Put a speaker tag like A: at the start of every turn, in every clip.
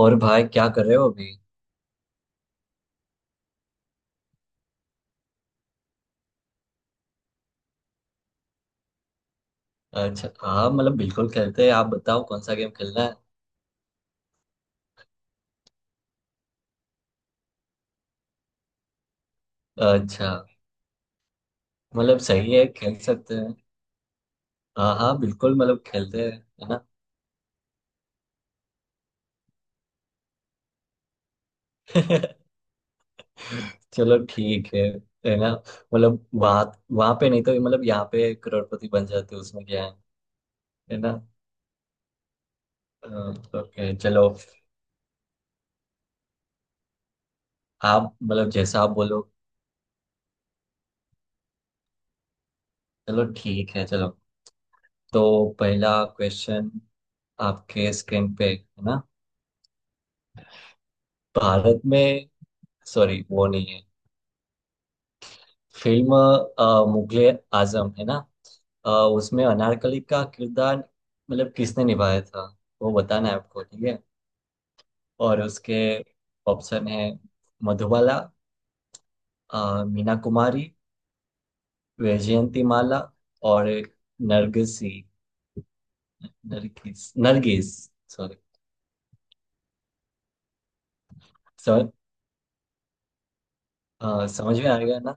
A: और भाई क्या कर रहे हो अभी। अच्छा हाँ, मतलब बिल्कुल खेलते हैं। आप बताओ कौन सा गेम खेलना है। अच्छा, मतलब सही है, खेल सकते हैं। हाँ हाँ, बिल्कुल मतलब खेलते हैं, है ना। चलो ठीक है ना। मतलब वहाँ वहाँ पे नहीं तो मतलब यहाँ पे करोड़पति बन जाते, उसमें क्या है ना। अ, ओके चलो। आप मतलब जैसा आप बोलो। चलो ठीक है, चलो। तो पहला क्वेश्चन आपके स्क्रीन पे है ना। भारत में सॉरी वो नहीं है। फिल्म मुगले आजम है ना। उसमें अनारकली का किरदार मतलब किसने निभाया था, वो बताना है आपको, ठीक है। और उसके ऑप्शन है मधुबाला, मीना कुमारी, वैजयंती माला, और नरगिसी नरगिस नरगिस, सॉरी सर। समझ में आ गया ना।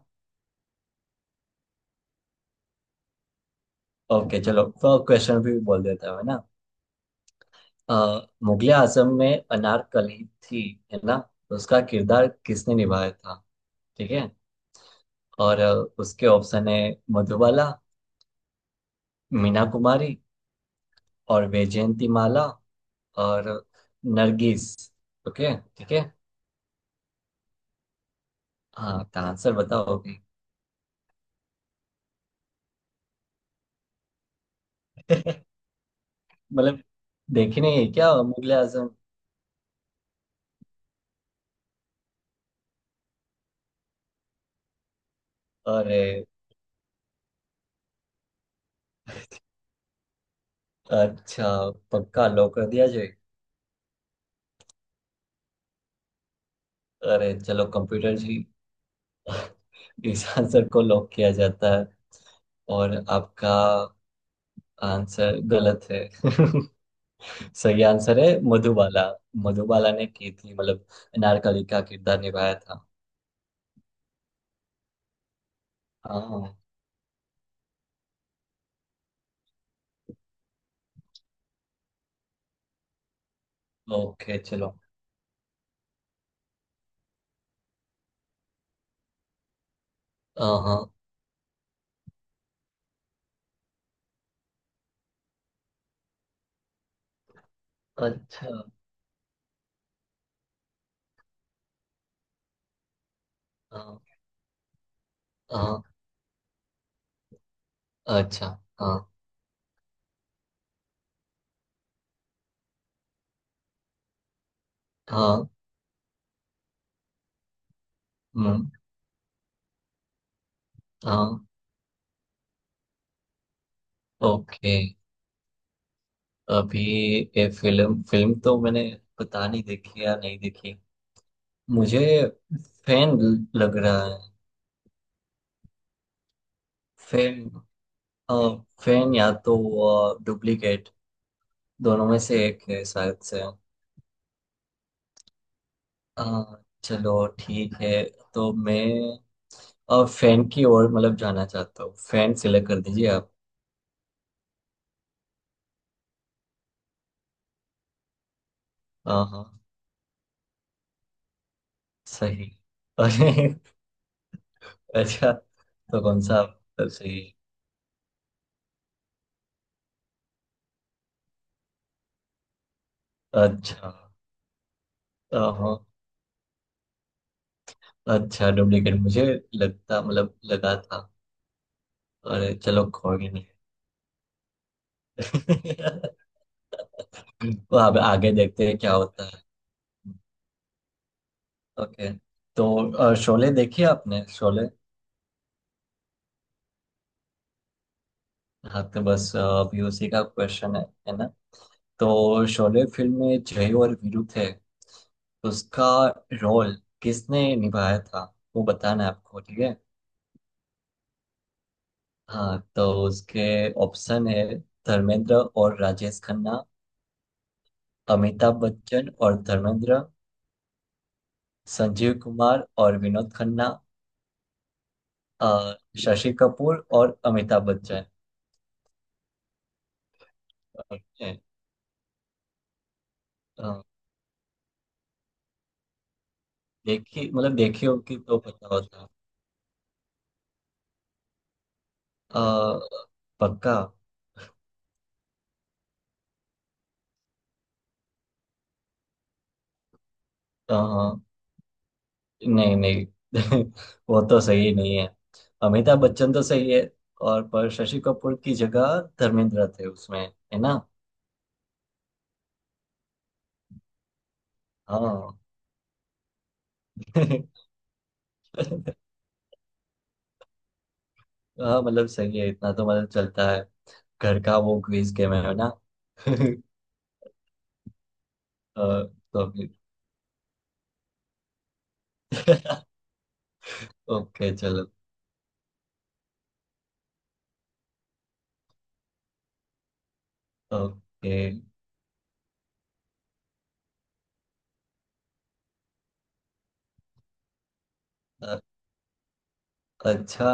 A: ओके चलो, तो क्वेश्चन भी बोल देता हूँ, है ना। मुगले आजम में अनारकली थी, है ना। तो उसका किरदार किसने निभाया था, ठीक है। और उसके ऑप्शन है मधुबाला, मीना कुमारी, और वैजयंती माला, और नरगिस। ओके ठीक है। हाँ तो आंसर बताओ अभी। मतलब देखने है क्या मुगले आजम। अरे अच्छा, पक्का लॉक कर दिया जाए। अरे चलो कंप्यूटर जी। इस आंसर को लॉक किया जाता है, और आपका आंसर गलत है। सही आंसर है मधुबाला। मधुबाला ने की थी मतलब नारकली का किरदार निभाया था। हाँ, ओके चलो। हाँ हाँ, अच्छा। हाँ हाँ, अच्छा। हाँ हाँ। हम्म, हाँ, ओके। अभी ये फिल्म फिल्म तो मैंने पता नहीं देखी या नहीं देखी, मुझे फैन लग रहा है। फैन, हाँ, फैन या तो डुप्लीकेट, दोनों में से एक है शायद से। अ, चलो ठीक है, तो मैं और फैन की ओर मतलब जाना चाहता हूँ, फैन सिलेक्ट कर दीजिए आप। हाँ हाँ, सही। अरे अच्छा, तो कौन सा, आप तो सही। अच्छा, हाँ। अच्छा डुप्लीकेट मुझे लगता मतलब लगा था। अरे चलो कोई नहीं। तो अब आगे देखते हैं क्या होता है। ओके, तो शोले देखी आपने शोले। हाँ तो बस अभी उसी का क्वेश्चन है ना। तो शोले फिल्म में जय और वीरू थे, उसका रोल किसने निभाया था, वो बताना है आपको, ठीक है। हाँ तो उसके ऑप्शन है धर्मेंद्र और राजेश खन्ना, अमिताभ बच्चन और धर्मेंद्र, संजीव कुमार और विनोद खन्ना, अ, शशि कपूर और अमिताभ बच्चन। ओके। अ, देखी मतलब देखी होगी तो पता होता। अ, पक्का। अ, नहीं नहीं, वो तो सही नहीं है। अमिताभ बच्चन तो सही है, और पर शशि कपूर की जगह धर्मेंद्र थे उसमें, है ना। हाँ। हाँ मतलब सही है, इतना तो मतलब चलता है। घर का वो क्विज गेम है ना। अ, तो फिर। ओके चलो। ओके अ- अच्छा।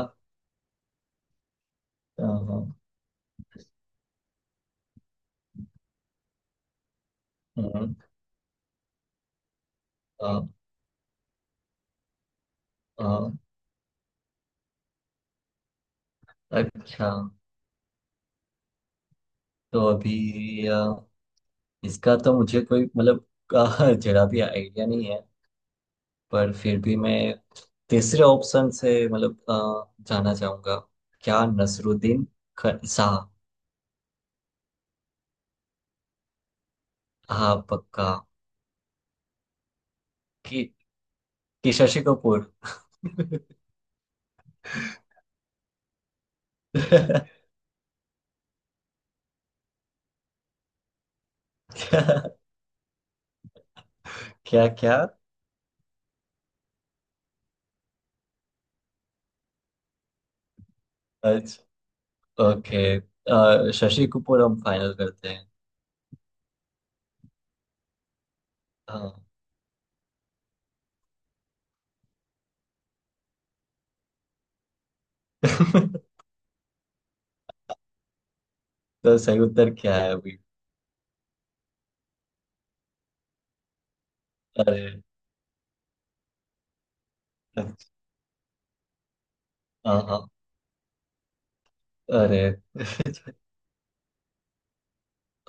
A: अ, हम्म, अ, अ, अच्छा तो अभी इसका तो मुझे कोई मतलब जरा भी आइडिया नहीं है। पर फिर भी मैं तीसरे ऑप्शन से मतलब जाना चाहूंगा, क्या नसरुद्दीन शाह। हाँ पक्का। कि, कि शशि कपूर। क्या क्या क्या। अच्छा ओके, शशि कपूर हम फाइनल करते हैं। हाँ। तो सही उत्तर क्या है अभी। अरे अच्छा, हाँ हाँ। अरे।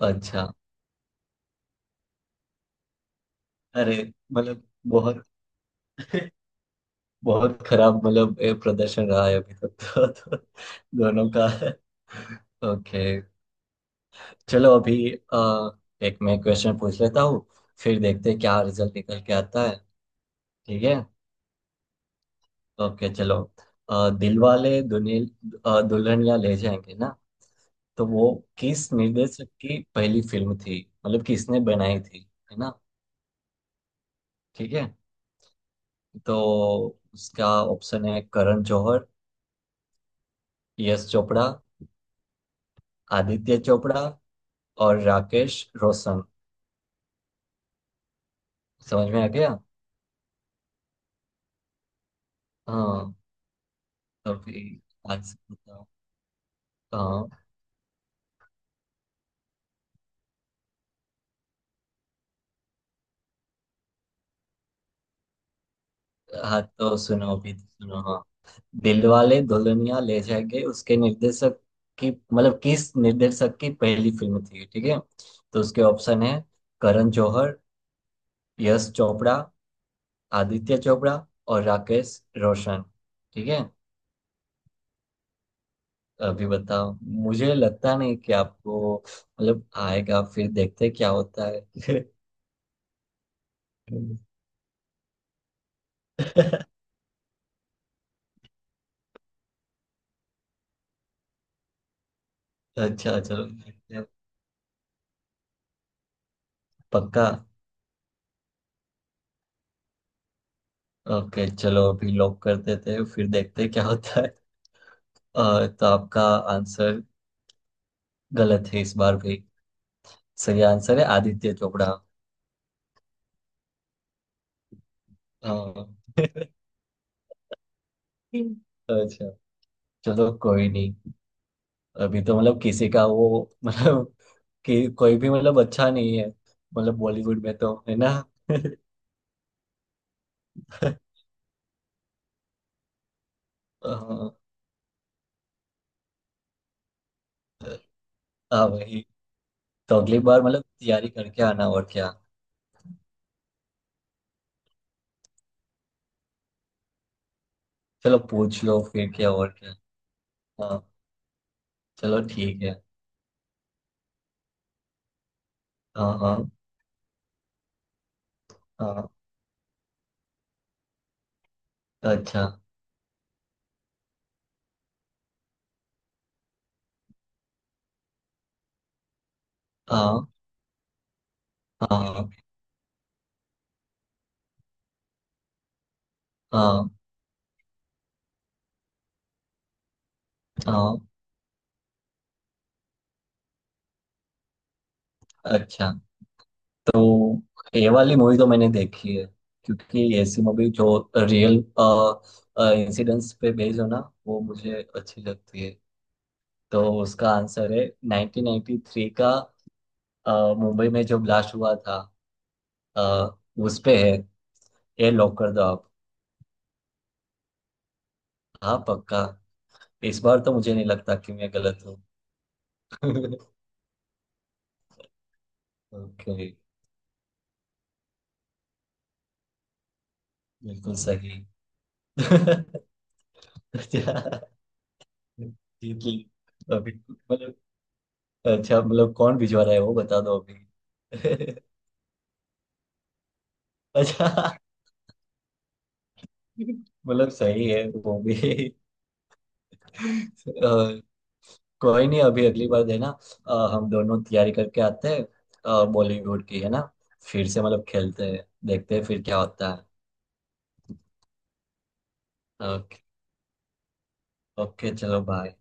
A: अच्छा। अरे मतलब बहुत। बहुत खराब मतलब ये प्रदर्शन रहा है अभी तक। तो दोनों का ओके चलो अभी एक मैं क्वेश्चन पूछ लेता हूँ, फिर देखते हैं क्या रिजल्ट निकल के आता है। ठीक है। ओके चलो, दिलवाले दुनिया दुल्हनिया ले जाएंगे ना, तो वो किस निर्देशक की पहली फिल्म थी, मतलब किसने बनाई थी, है ना, ठीक है। तो उसका ऑप्शन है करण जौहर, यश चोपड़ा, आदित्य चोपड़ा, और राकेश रोशन। समझ में आ गया। हाँ तभी आंसर बताओ। हाँ हाँ तो सुनो अभी तो सुनो, हाँ। दिलवाले दुल्हनिया ले जाएंगे उसके निर्देशक की मतलब किस निर्देशक की पहली फिल्म थी, ठीक है। तो उसके ऑप्शन है करण जौहर, यश चोपड़ा, आदित्य चोपड़ा और राकेश रोशन, ठीक है। अभी बताओ, मुझे लगता नहीं कि आपको मतलब आएगा, फिर देखते हैं क्या होता है। अच्छा चलो, पक्का। ओके चलो अभी लॉक कर देते हैं, फिर देखते हैं क्या होता है। तो आपका आंसर गलत है इस बार भी। सही आंसर है आदित्य चोपड़ा। हाँ। अच्छा चलो कोई नहीं। अभी तो मतलब किसी का वो मतलब कि कोई भी मतलब अच्छा नहीं है मतलब बॉलीवुड में तो, है ना। हाँ, हाँ वही। तो अगली बार मतलब तैयारी करके आना, और क्या। चलो पूछ लो फिर, क्या और क्या। हाँ चलो ठीक है। हाँ हाँ हाँ। अच्छा। हाँ हाँ हाँ हाँ। अच्छा तो ये वाली मूवी तो मैंने देखी है, क्योंकि ऐसी मूवी जो रियल इंसिडेंट्स पे बेस्ड हो ना, वो मुझे अच्छी लगती है। तो उसका आंसर है 1993 का, मुंबई में जो ब्लास्ट हुआ था, अ, उस पे है। ये लॉक कर दो आप। हाँ पक्का, इस बार तो मुझे नहीं लगता कि मैं गलत हूँ। ओके। बिल्कुल सही। अच्छा। जी जी। अभी मतलब अच्छा, मतलब कौन भिजवा रहा है वो बता दो अभी। अच्छा मतलब सही है वो भी। अ, कोई नहीं, अभी अगली बार देना। हम दोनों तैयारी करके आते हैं, बॉलीवुड की है ना, फिर से मतलब खेलते हैं, देखते हैं फिर क्या होता है। ओके। ओके चलो बाय।